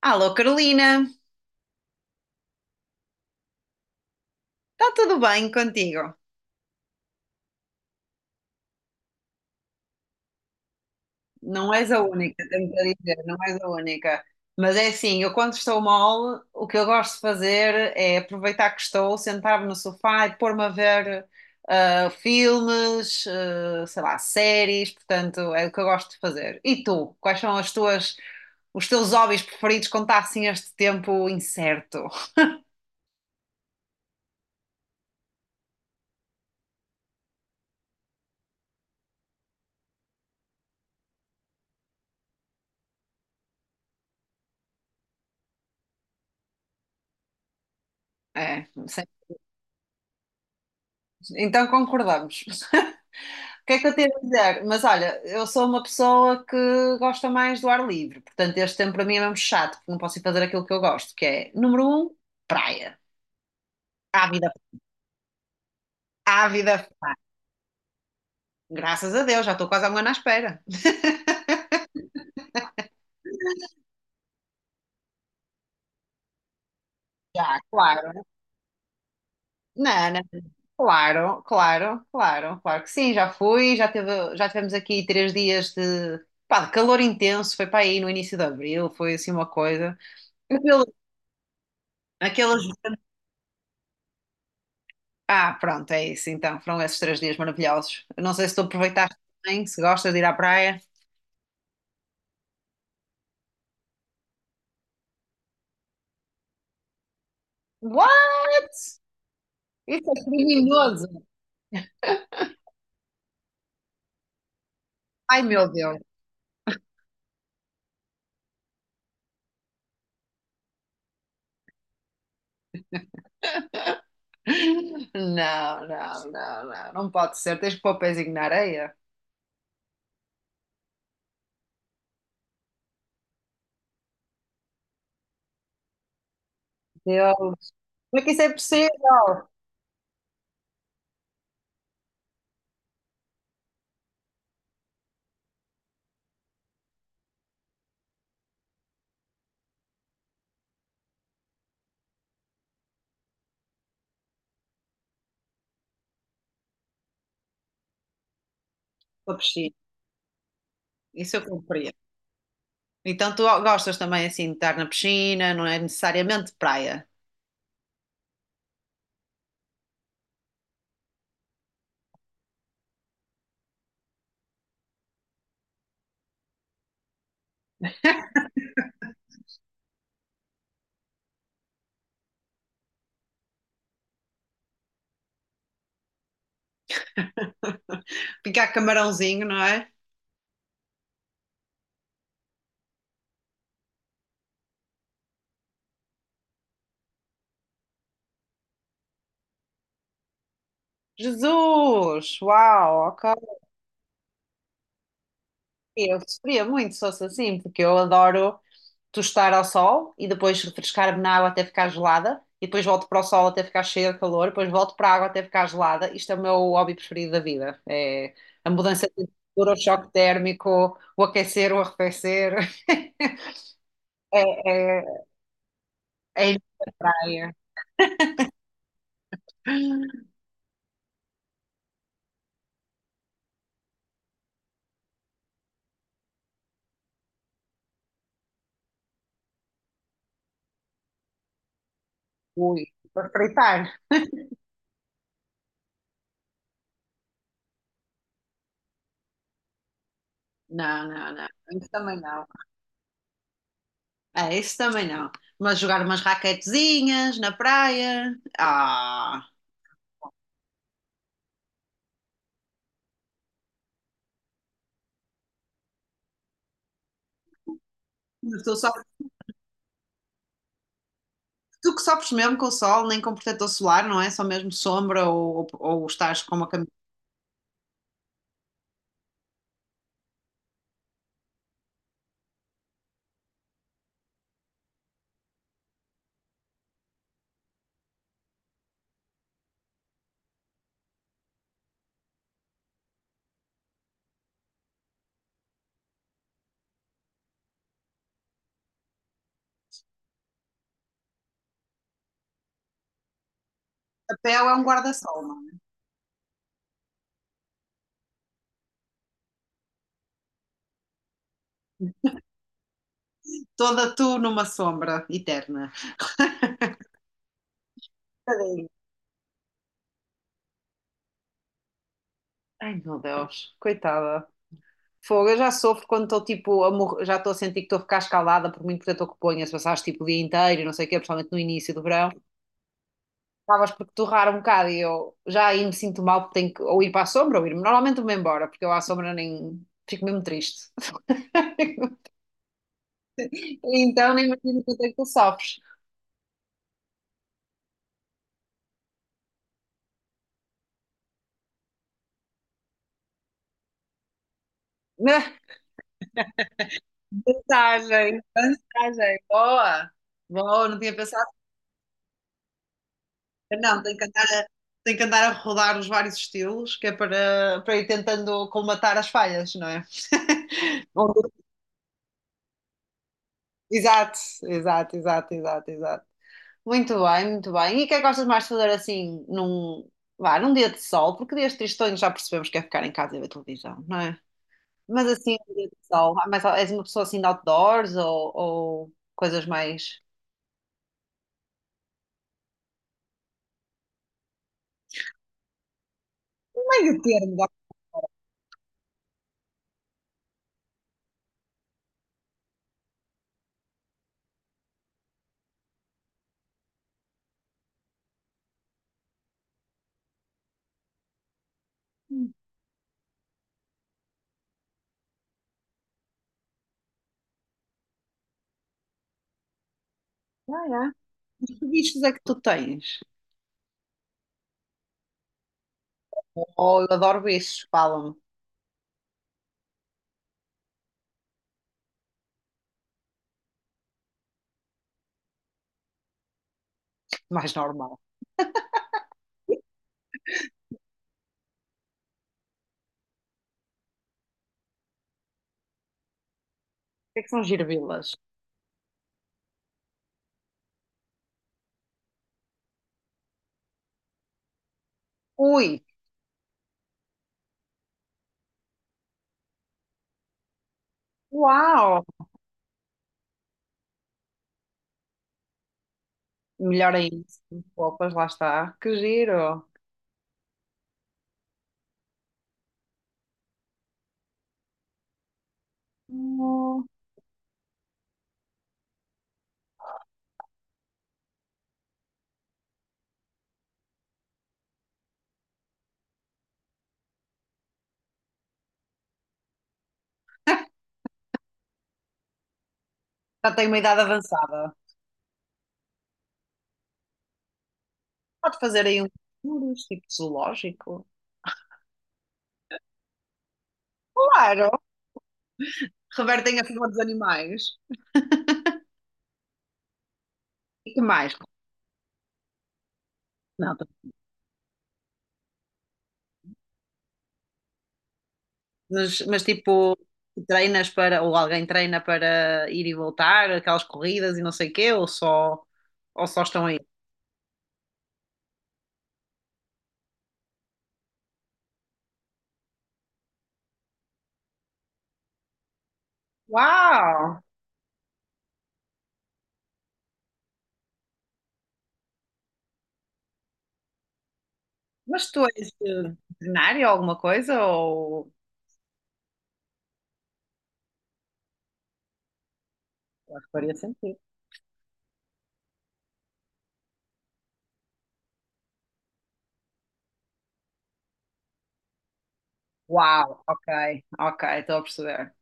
Alô, Carolina, está tudo bem contigo? Não és a única, tenho que dizer, não és a única. Mas é assim, eu quando estou mal, o que eu gosto de fazer é aproveitar que estou, sentar-me no sofá e pôr-me a ver filmes, sei lá, séries, portanto, é o que eu gosto de fazer. E tu, quais são as tuas, os teus hobbies preferidos quando está assim este tempo incerto? É, sim. Então concordamos. O que é que eu tenho a dizer? Mas olha, eu sou uma pessoa que gosta mais do ar livre, portanto, este tempo para mim é mesmo chato, porque não posso ir fazer aquilo que eu gosto, que é, número um, praia. Ávida, ávida, graças a Deus, já estou quase há um ano à espera. Já, claro. Não, não. Claro, claro, claro, claro que sim, já fui, já tivemos aqui três dias de, pá, de calor intenso, foi para aí no início de abril, foi assim uma coisa. Aquele- Aqueles, Pronto, é isso então, foram esses três dias maravilhosos. Eu não sei se tu aproveitaste bem, se gostas de ir à praia. What? Isso é criminoso! Ai meu Deus! Não, não, não, não, não pode ser, tens que pôr o pezinho na areia. Deus, como é que isso é possível? Estou a piscina. Isso eu compreendo. Então tu gostas também assim de estar na piscina, não é necessariamente praia. Picar camarãozinho, não é? Jesus! Uau, ok. Eu sofria muito se fosse assim, porque eu adoro tostar ao sol e depois refrescar-me na água até ficar gelada, e depois volto para o sol até ficar cheia de calor, depois volto para a água até ficar gelada. Isto é o meu hobby preferido da vida. É a mudança de temperatura, o choque térmico, o aquecer, o arrefecer. É, é, É ir para a praia. Ui, para fritar. Não, não, não. Isso também não. É, isso também não. Mas jogar umas raquetezinhas na praia. Mas tu, sofres, Tu que sofres mesmo com o sol, nem com protetor solar, não é? Só mesmo sombra ou, ou estás com uma camisa de papel, é um guarda-sol, não é? Toda tu numa sombra eterna. Tadinha. Ai, meu Deus, coitada. Fogo, eu já sofro quando estou tipo, a morrer- já estou a sentir que estou a ficar escalada por muito protetor que ponha, se passares tipo o dia inteiro, e não sei o quê, principalmente no início do verão. Acabas por torrar um bocado e eu já aí me sinto mal porque tenho que ou ir para a sombra ou ir-me. Normalmente vou-me embora, porque eu à sombra nem fico mesmo triste. Então nem imagino quanto é que tu sofres. Vantagem, vantagem, boa, boa, não tinha pensado, não, tenho que andar a rodar os vários estilos, que é para, para ir tentando colmatar as falhas, não é? Bom, exato, exato, exato, exato, exato. Muito bem, muito bem. E o que é que gostas mais de fazer assim vá, num dia de sol? Porque dias tristonhos já percebemos que é ficar em casa e ver televisão, não é? Mas assim, um dia de sol, és uma pessoa assim de outdoors ou coisas mais. Meio termo, vá. É. Que bichos é que tu tens? Oh, eu adoro bichos, falam-me. Mais normal. O que é que são girbilas? Ui, uau! Melhor ainda. Opas, lá está. Que giro. Oh, já tenho uma idade avançada. Pode fazer aí uns tours, tipo zoológico. Claro, revertem a favor dos animais. E que mais? Não, mas tipo, treinas para, ou alguém treina para ir e voltar, aquelas corridas e não sei o quê, ou só estão aí. Uau! Mas tu és veterinário ou alguma coisa? Ou eu acho que faria sentido. Uau, ok, ok, estou a perceber.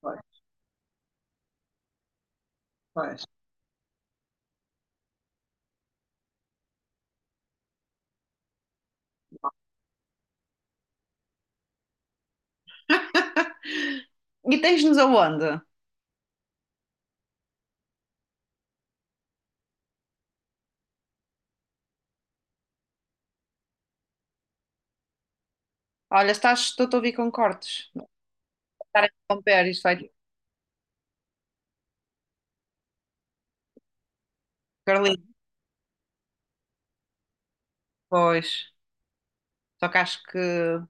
Pois, pois. E tens-nos aonde? Olha, estás, estou a ouvir com cortes. Estar a interromper isto vai. Carlinhos, pois. Só que acho que. É,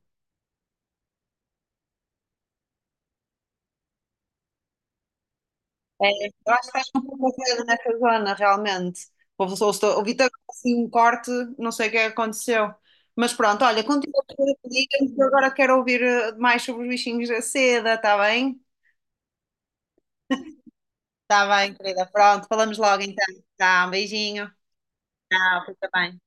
eu acho que estás com pouco dedo nessa zona, realmente. O Vitor, assim, um corte, não sei o que aconteceu. Mas pronto, olha, continua a diga-me que digas, que eu agora quero ouvir mais sobre os bichinhos da seda, está bem? Está bem, querida. Pronto, falamos logo então. Tá, um beijinho. Tchau, fica bem.